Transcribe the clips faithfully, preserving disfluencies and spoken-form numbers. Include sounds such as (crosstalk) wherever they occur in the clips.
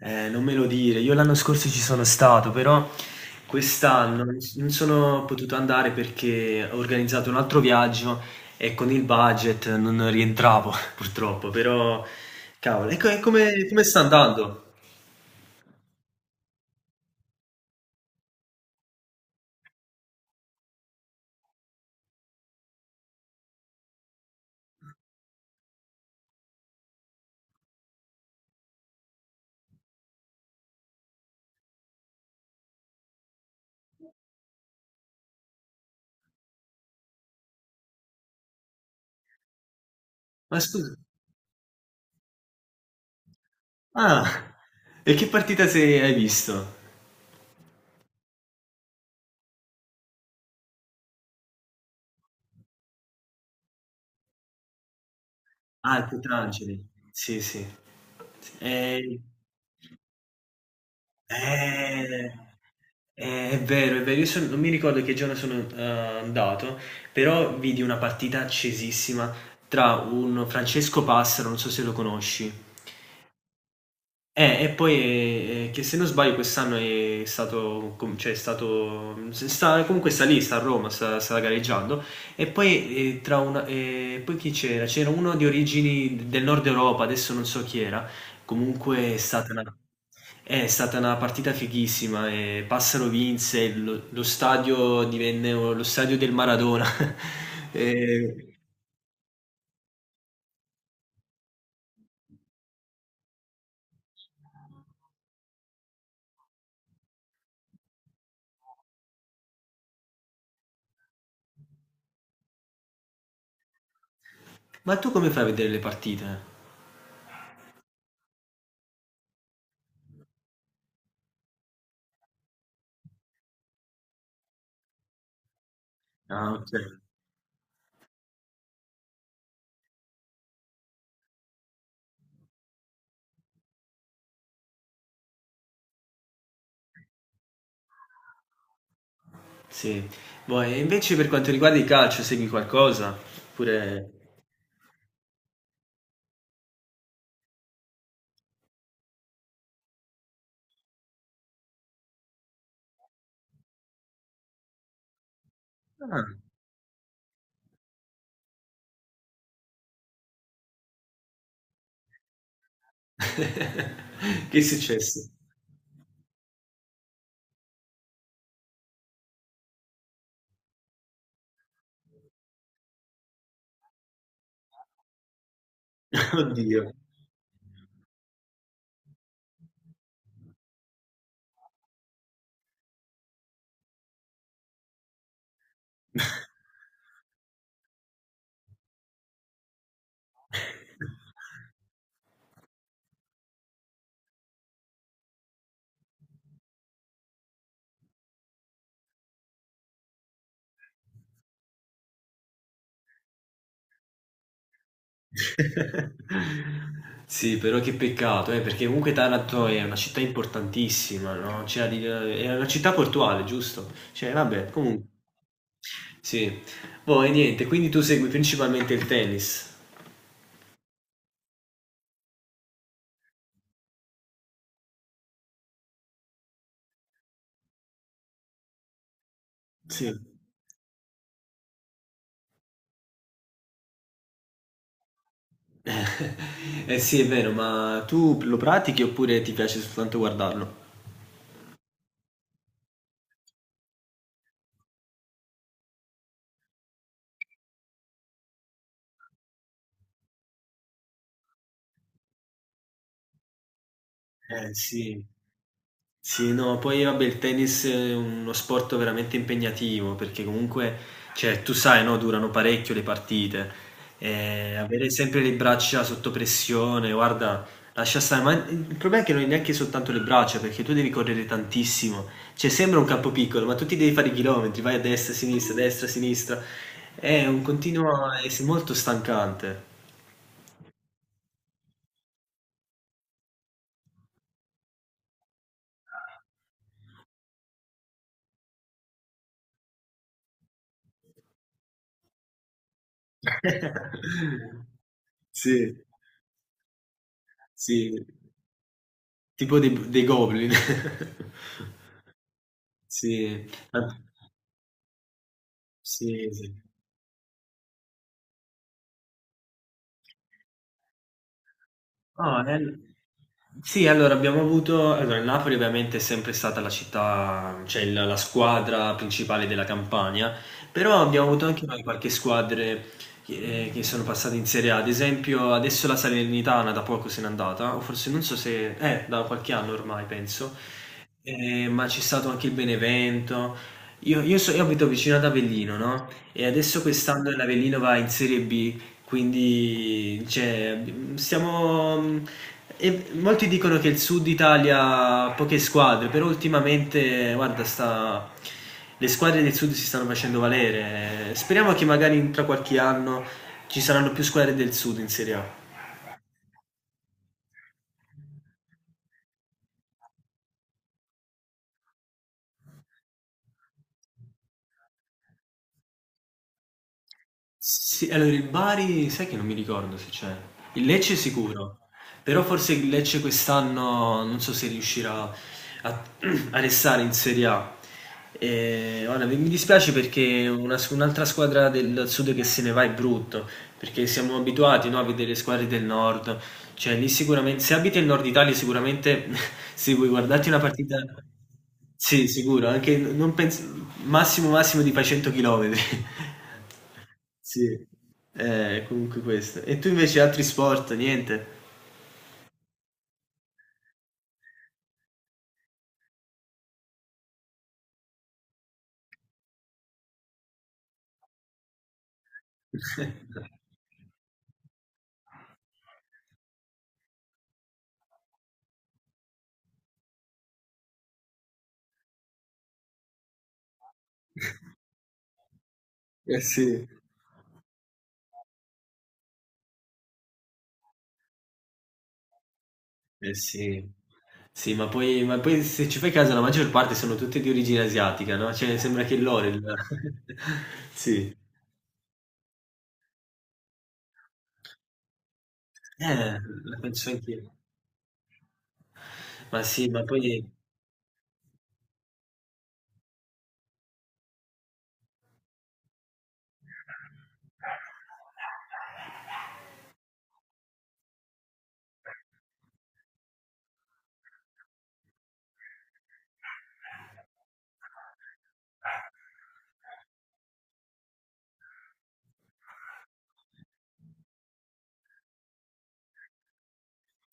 Eh, non me lo dire. Io l'anno scorso ci sono stato, però quest'anno non s- non sono potuto andare perché ho organizzato un altro viaggio e con il budget non rientravo, (laughs) purtroppo. Però, cavolo, e co- e come, come sta andando? Ma scusa. Ah, e che partita se hai visto? Ah, il Petrangeli. Sì, sì. Sì. Eh, Eh, eh, è vero, è vero. Io son- non mi ricordo che giorno sono eh, andato, però vidi una partita accesissima tra un Francesco Passaro, non so se lo conosci, eh, e poi, ehm, che se non sbaglio quest'anno è stato com cioè è stato s sta comunque sta lì, sta a Roma, sta sta gareggiando e poi, ehm, tra una ehm, poi chi c'era? C'era uno di origini d del Nord Europa, adesso non so chi era, comunque è stata una eh, è stata una partita fighissima e Passaro vinse, lo lo stadio divenne o lo stadio del Maradona. (laughs) Ehm, ma tu come fai a vedere le partite? Ah, okay. Sì. Boh, e invece per quanto riguarda il calcio segui qualcosa? Oppure ah. (laughs) Che è successo? (laughs) Oddio. Sì, però che peccato, eh, perché comunque Taranto è una città importantissima, no, cioè di eh, è una città portuale, giusto? Cioè vabbè, comunque sì. Boh, e niente, quindi tu segui principalmente il tennis? Sì. Eh sì, è vero, ma tu lo pratichi oppure ti piace soltanto guardarlo? Eh sì. Sì, no, poi vabbè il tennis è uno sport veramente impegnativo perché comunque, cioè, tu sai, no, durano parecchio le partite e avere sempre le braccia sotto pressione, guarda, lascia stare, ma il problema è che non è neanche soltanto le braccia perché tu devi correre tantissimo, cioè sembra un campo piccolo, ma tu ti devi fare i chilometri, vai a destra, a sinistra, a destra, a sinistra, è un continuo, è molto stancante. (laughs) Sì, sì. Tipo dei b dei Goblin. (laughs) Sì, ma sì, sì. No, nel sì, allora abbiamo avuto allora il Napoli ovviamente è sempre stata la città cioè il la squadra principale della Campania, però abbiamo avuto anche noi qualche squadre che eh, che sono passate in Serie A, ad esempio adesso la Salernitana da poco se n'è andata, o forse non so se eh, da qualche anno ormai penso, ehm, ma c'è stato anche il Benevento. Io io so io abito vicino ad Avellino, no, e adesso quest'anno l'Avellino va in Serie B, quindi cioè, siamo. E molti dicono che il sud Italia ha poche squadre, però ultimamente, guarda, sta, le squadre del sud si stanno facendo valere. Speriamo che magari tra qualche anno ci saranno più squadre del sud in Serie A. Sì, allora il Bari sai che non mi ricordo se c'è. Il Lecce sicuro, però forse il Lecce quest'anno non so se riuscirà a, (clears throat) a restare in Serie A. E, guarda, mi mi dispiace perché una s- un'altra squadra del sud che se ne va è brutto, perché siamo abituati, no, a vedere le squadre del nord. Cioè, lì sicuramente, se abiti in Nord Italia, sicuramente (laughs) se vuoi guardarti una partita... Sì, sicuro, anche non penso, massimo massimo ti fai cento chilometri. (laughs) Sì, eh, comunque questo. E tu invece altri sport, niente? (laughs) Eh sì, eh sì. Sì, ma poi, ma poi se ci fai caso la maggior parte sono tutte di origine asiatica, no? Cioè sembra che l'Orel... (laughs) Sì. Eh, la penso anch'io. Ma sì, ma poi...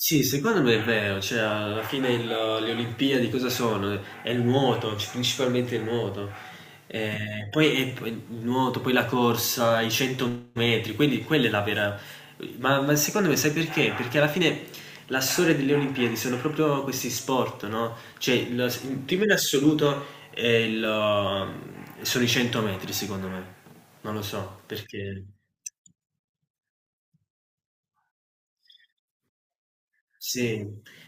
Sì, secondo me è vero, cioè alla fine il- le Olimpiadi cosa sono? È il nuoto, c- principalmente il nuoto. Eh, poi è poi il nuoto, poi la corsa, i cento metri, quindi quella è la vera... Ma, ma secondo me sai perché? Perché alla fine la storia delle Olimpiadi sono proprio questi sport, no? Cioè il, il primo in assoluto è il, sono i cento metri, secondo me, non lo so perché... Sì,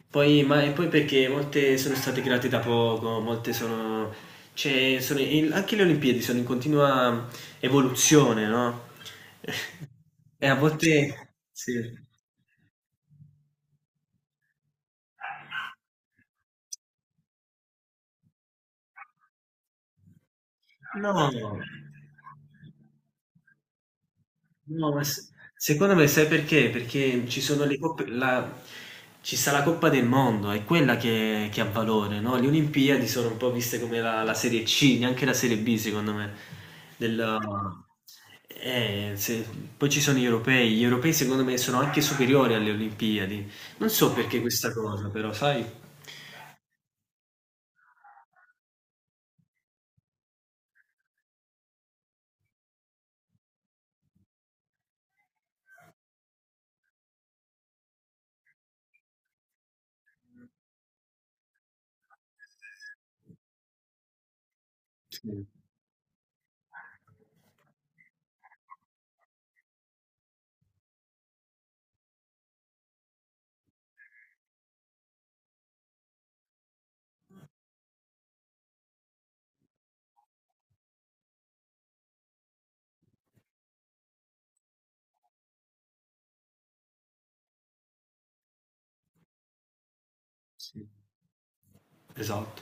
poi, ma, e poi perché molte sono state create da poco, molte sono, cioè, sono in- anche le Olimpiadi sono in continua evoluzione, no? (laughs) E a volte, sì. No, no, ma s- secondo me sai perché? Perché ci sono le coppe, la- ci sta la Coppa del Mondo, è quella che, che ha valore, no? Le Olimpiadi sono un po' viste come la, la Serie C, neanche la Serie B, secondo me. Del- eh, se- poi ci sono gli europei, gli europei secondo me sono anche superiori alle Olimpiadi. Non so perché questa cosa, però, sai? Sì, sì, esatto.